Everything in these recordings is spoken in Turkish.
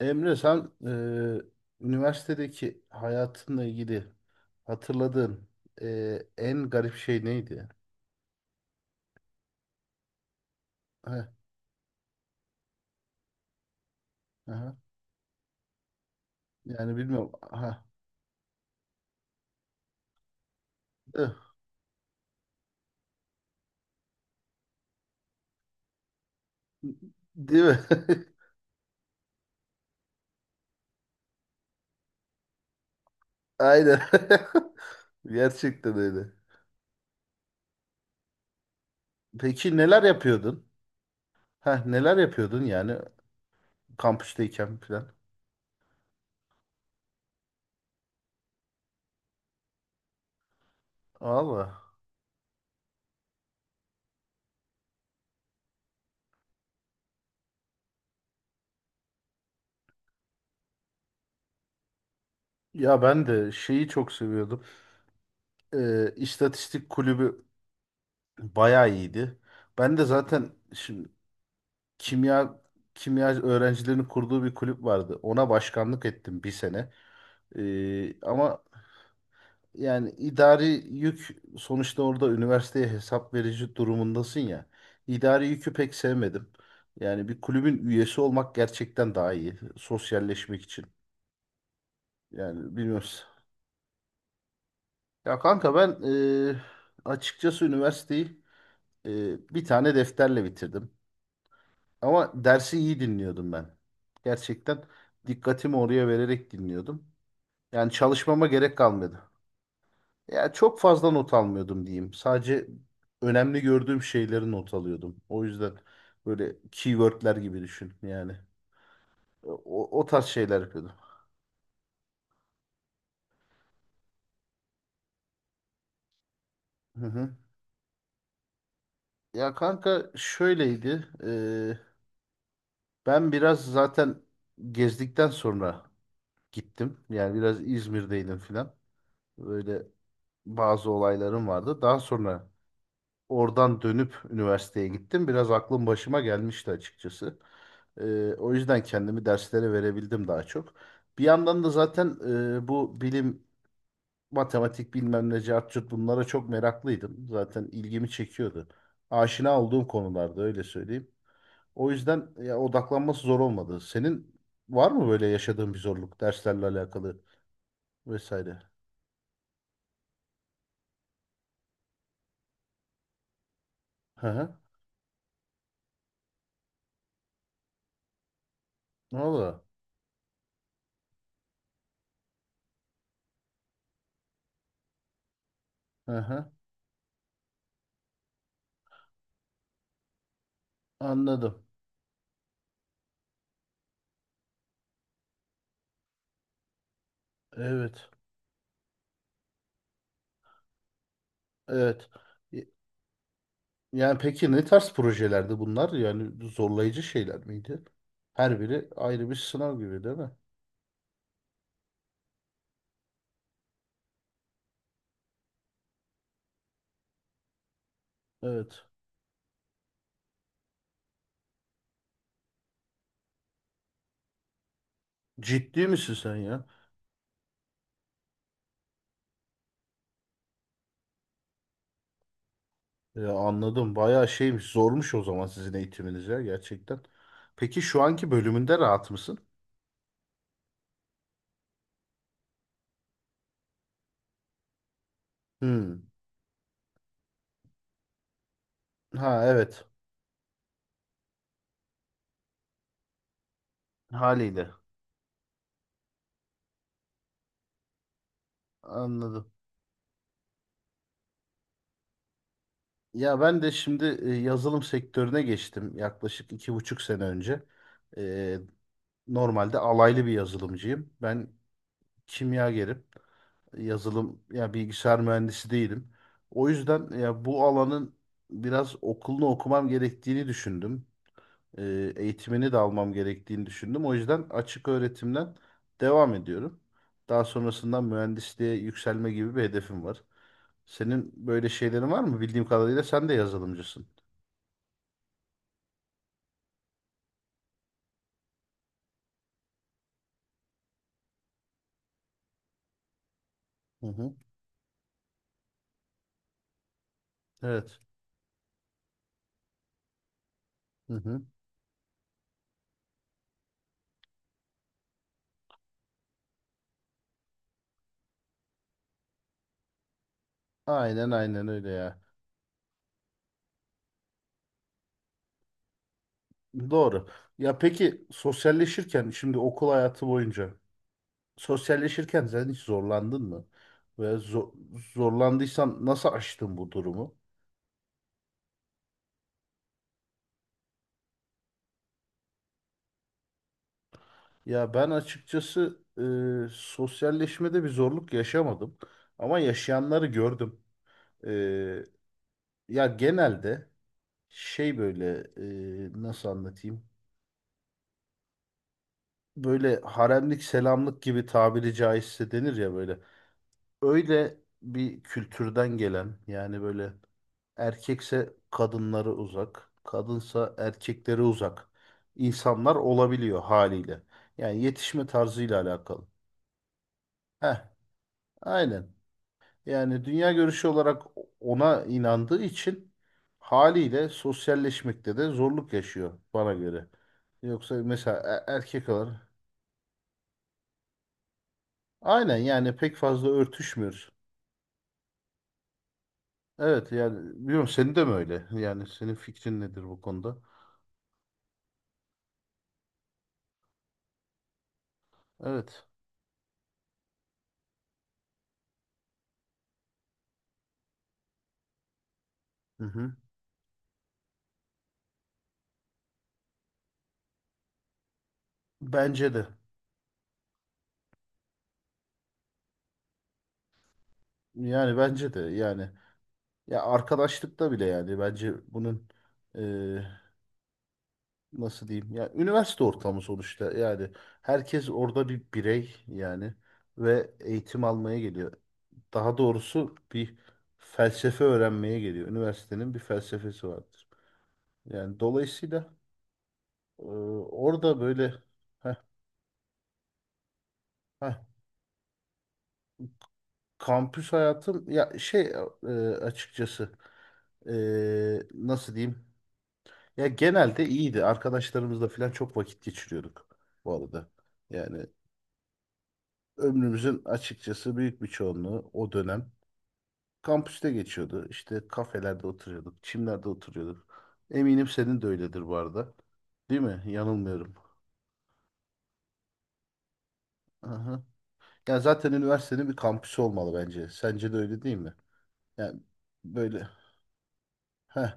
Emre sen üniversitedeki hayatınla ilgili hatırladığın en garip şey neydi? Heh, aha. Yani bilmiyorum. Aha. Eh, değil mi? Aynen. Gerçekten öyle. Peki neler yapıyordun? Heh, neler yapıyordun yani kampüsteyken falan? Valla. Ya ben de şeyi çok seviyordum. İstatistik kulübü bayağı iyiydi. Ben de zaten şim- kimya öğrencilerinin kurduğu bir kulüp vardı. Ona başkanlık ettim bir sene. Ama yani idari yük sonuçta orada üniversiteye hesap verici durumundasın ya. İdari yükü pek sevmedim. Yani bir kulübün üyesi olmak gerçekten daha iyi. Sosyalleşmek için. Yani bilmiyoruz. Ya kanka ben e, açıkçası üniversiteyi e, bir tane defterle bitirdim. Ama dersi iyi dinliyordum ben. Gerçekten dikkatimi oraya vererek dinliyordum. Yani çalışmama gerek kalmadı. Ya çok fazla not almıyordum diyeyim. Sadece önemli gördüğüm şeyleri not alıyordum. O yüzden böyle keywordler gibi düşün yani. O tarz şeyler yapıyordum. Hı hı. Ya kanka şöyleydi. Ben biraz zaten gezdikten sonra gittim. Yani biraz İzmir'deydim filan. Böyle bazı olaylarım vardı. Daha sonra oradan dönüp üniversiteye gittim. Biraz aklım başıma gelmişti açıkçası. O yüzden kendimi derslere verebildim daha çok. Bir yandan da zaten bu bilim, matematik bilmem ne cart curt bunlara çok meraklıydım. Zaten ilgimi çekiyordu. Aşina olduğum konularda öyle söyleyeyim. O yüzden ya, odaklanması zor olmadı. Senin var mı böyle yaşadığın bir zorluk derslerle alakalı vesaire? Hı hı. Valla. Hı hı. Anladım. Evet. Evet. Yani peki ne tarz projelerdi bunlar? Yani zorlayıcı şeyler miydi? Her biri ayrı bir sınav gibi değil mi? Evet. Ciddi misin sen ya? Anladım. Bayağı şeymiş, zormuş o zaman sizin eğitiminiz ya gerçekten. Peki şu anki bölümünde rahat mısın? Hmm. Ha, evet. Haliyle. Anladım. Ya ben de şimdi yazılım sektörüne geçtim yaklaşık iki buçuk sene önce. Ee, Normalde alaylı bir yazılımcıyım. Ben kimyagerim. Yazılım ya bilgisayar mühendisi değilim. O yüzden ya bu alanın biraz okulunu okumam gerektiğini düşündüm. Eğitimini de almam gerektiğini düşündüm. O yüzden açık öğretimden devam ediyorum. Daha sonrasında mühendisliğe yükselme gibi bir hedefim var. Senin böyle şeylerin var mı? Bildiğim kadarıyla sen de yazılımcısın. Hı hı. Evet. Hı hı. Aynen, aynen öyle ya. Doğru. Ya peki sosyalleşirken şimdi okul hayatı boyunca sosyalleşirken sen hiç zorlandın mı? Ve zo- Zorlandıysan nasıl aştın bu durumu? Ya ben açıkçası sosyalleşmede bir zorluk yaşamadım. Ama yaşayanları gördüm. E, ya genelde şey böyle nasıl anlatayım? Böyle haremlik selamlık gibi tabiri caizse denir ya böyle. Öyle bir kültürden gelen yani böyle, erkekse kadınları uzak, kadınsa erkekleri uzak insanlar olabiliyor haliyle. Yani yetişme tarzıyla alakalı. Heh, aynen. Yani dünya görüşü olarak ona inandığı için haliyle sosyalleşmekte de zorluk yaşıyor bana göre. Yoksa mesela erkek olan aynen yani pek fazla örtüşmüyor. Evet yani biliyorum, senin de mi öyle? Yani senin fikrin nedir bu konuda? Evet. Hı hı. Bence de. Yani bence de yani, ya arkadaşlıkta bile yani bence bunun eee, nasıl diyeyim ya, üniversite ortamı sonuçta yani herkes orada bir birey yani ve eğitim almaya geliyor. Daha doğrusu bir felsefe öğrenmeye geliyor. Üniversitenin bir felsefesi vardır. Yani dolayısıyla eee, orada böyle, heh, kampüs hayatım ya şey, açıkçası nasıl diyeyim, ya genelde iyiydi. Arkadaşlarımızla falan çok vakit geçiriyorduk bu arada. Yani ömrümüzün açıkçası büyük bir çoğunluğu o dönem kampüste geçiyordu. İşte kafelerde oturuyorduk, çimlerde oturuyorduk. Eminim senin de öyledir bu arada. Değil mi? Yanılmıyorum. Aha. Ya zaten üniversitenin bir kampüsü olmalı bence. Sence de öyle değil mi? Yani böyle. Heh,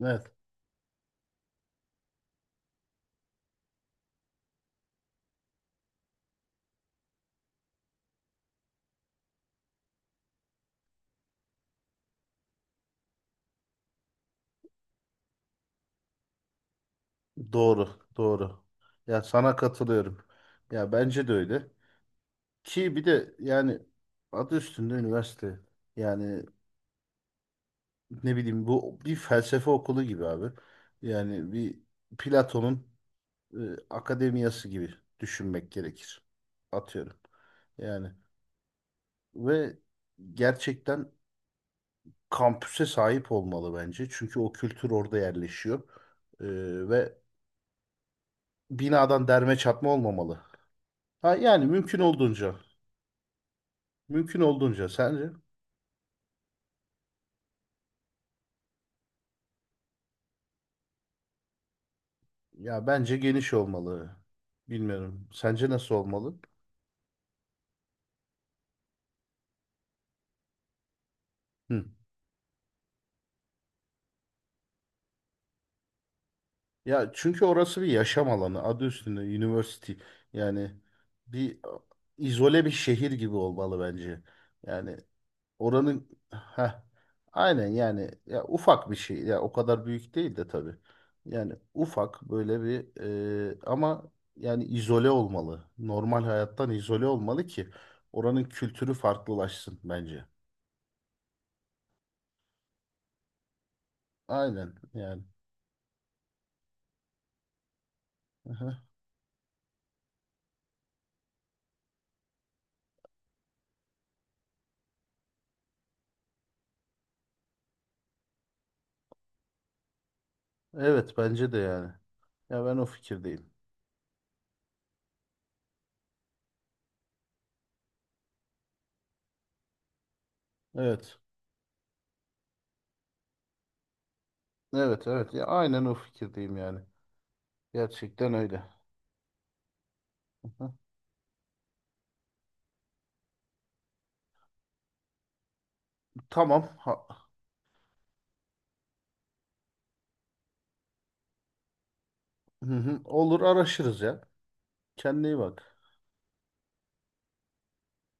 evet. Doğru, doğru. Ya sana katılıyorum. Ya bence de öyle. Ki bir de yani adı üstünde üniversite. Yani ne bileyim, bu bir felsefe okulu gibi abi. Yani bir Platon'un e, akademiyası gibi düşünmek gerekir. Atıyorum. Yani ve gerçekten kampüse sahip olmalı bence. Çünkü o kültür orada yerleşiyor. E, ve binadan derme çatma olmamalı. Ha, yani mümkün olduğunca. Mümkün olduğunca. Sence? Ya bence geniş olmalı. Bilmiyorum. Sence nasıl olmalı? Hı. Ya çünkü orası bir yaşam alanı. Adı üstünde university. Yani bir izole bir şehir gibi olmalı bence. Yani oranın ha aynen yani, ya ufak bir şey. Ya o kadar büyük değil de tabii. Yani ufak böyle bir, ama yani izole olmalı. Normal hayattan izole olmalı ki oranın kültürü farklılaşsın bence. Aynen yani. Evet bence de yani. Ya ben o fikirdeyim. Evet. Evet, evet ya aynen o fikirdeyim yani. Gerçekten öyle. Hı. Tamam. Hı hı. Olur, araşırız ya. Kendine iyi bak.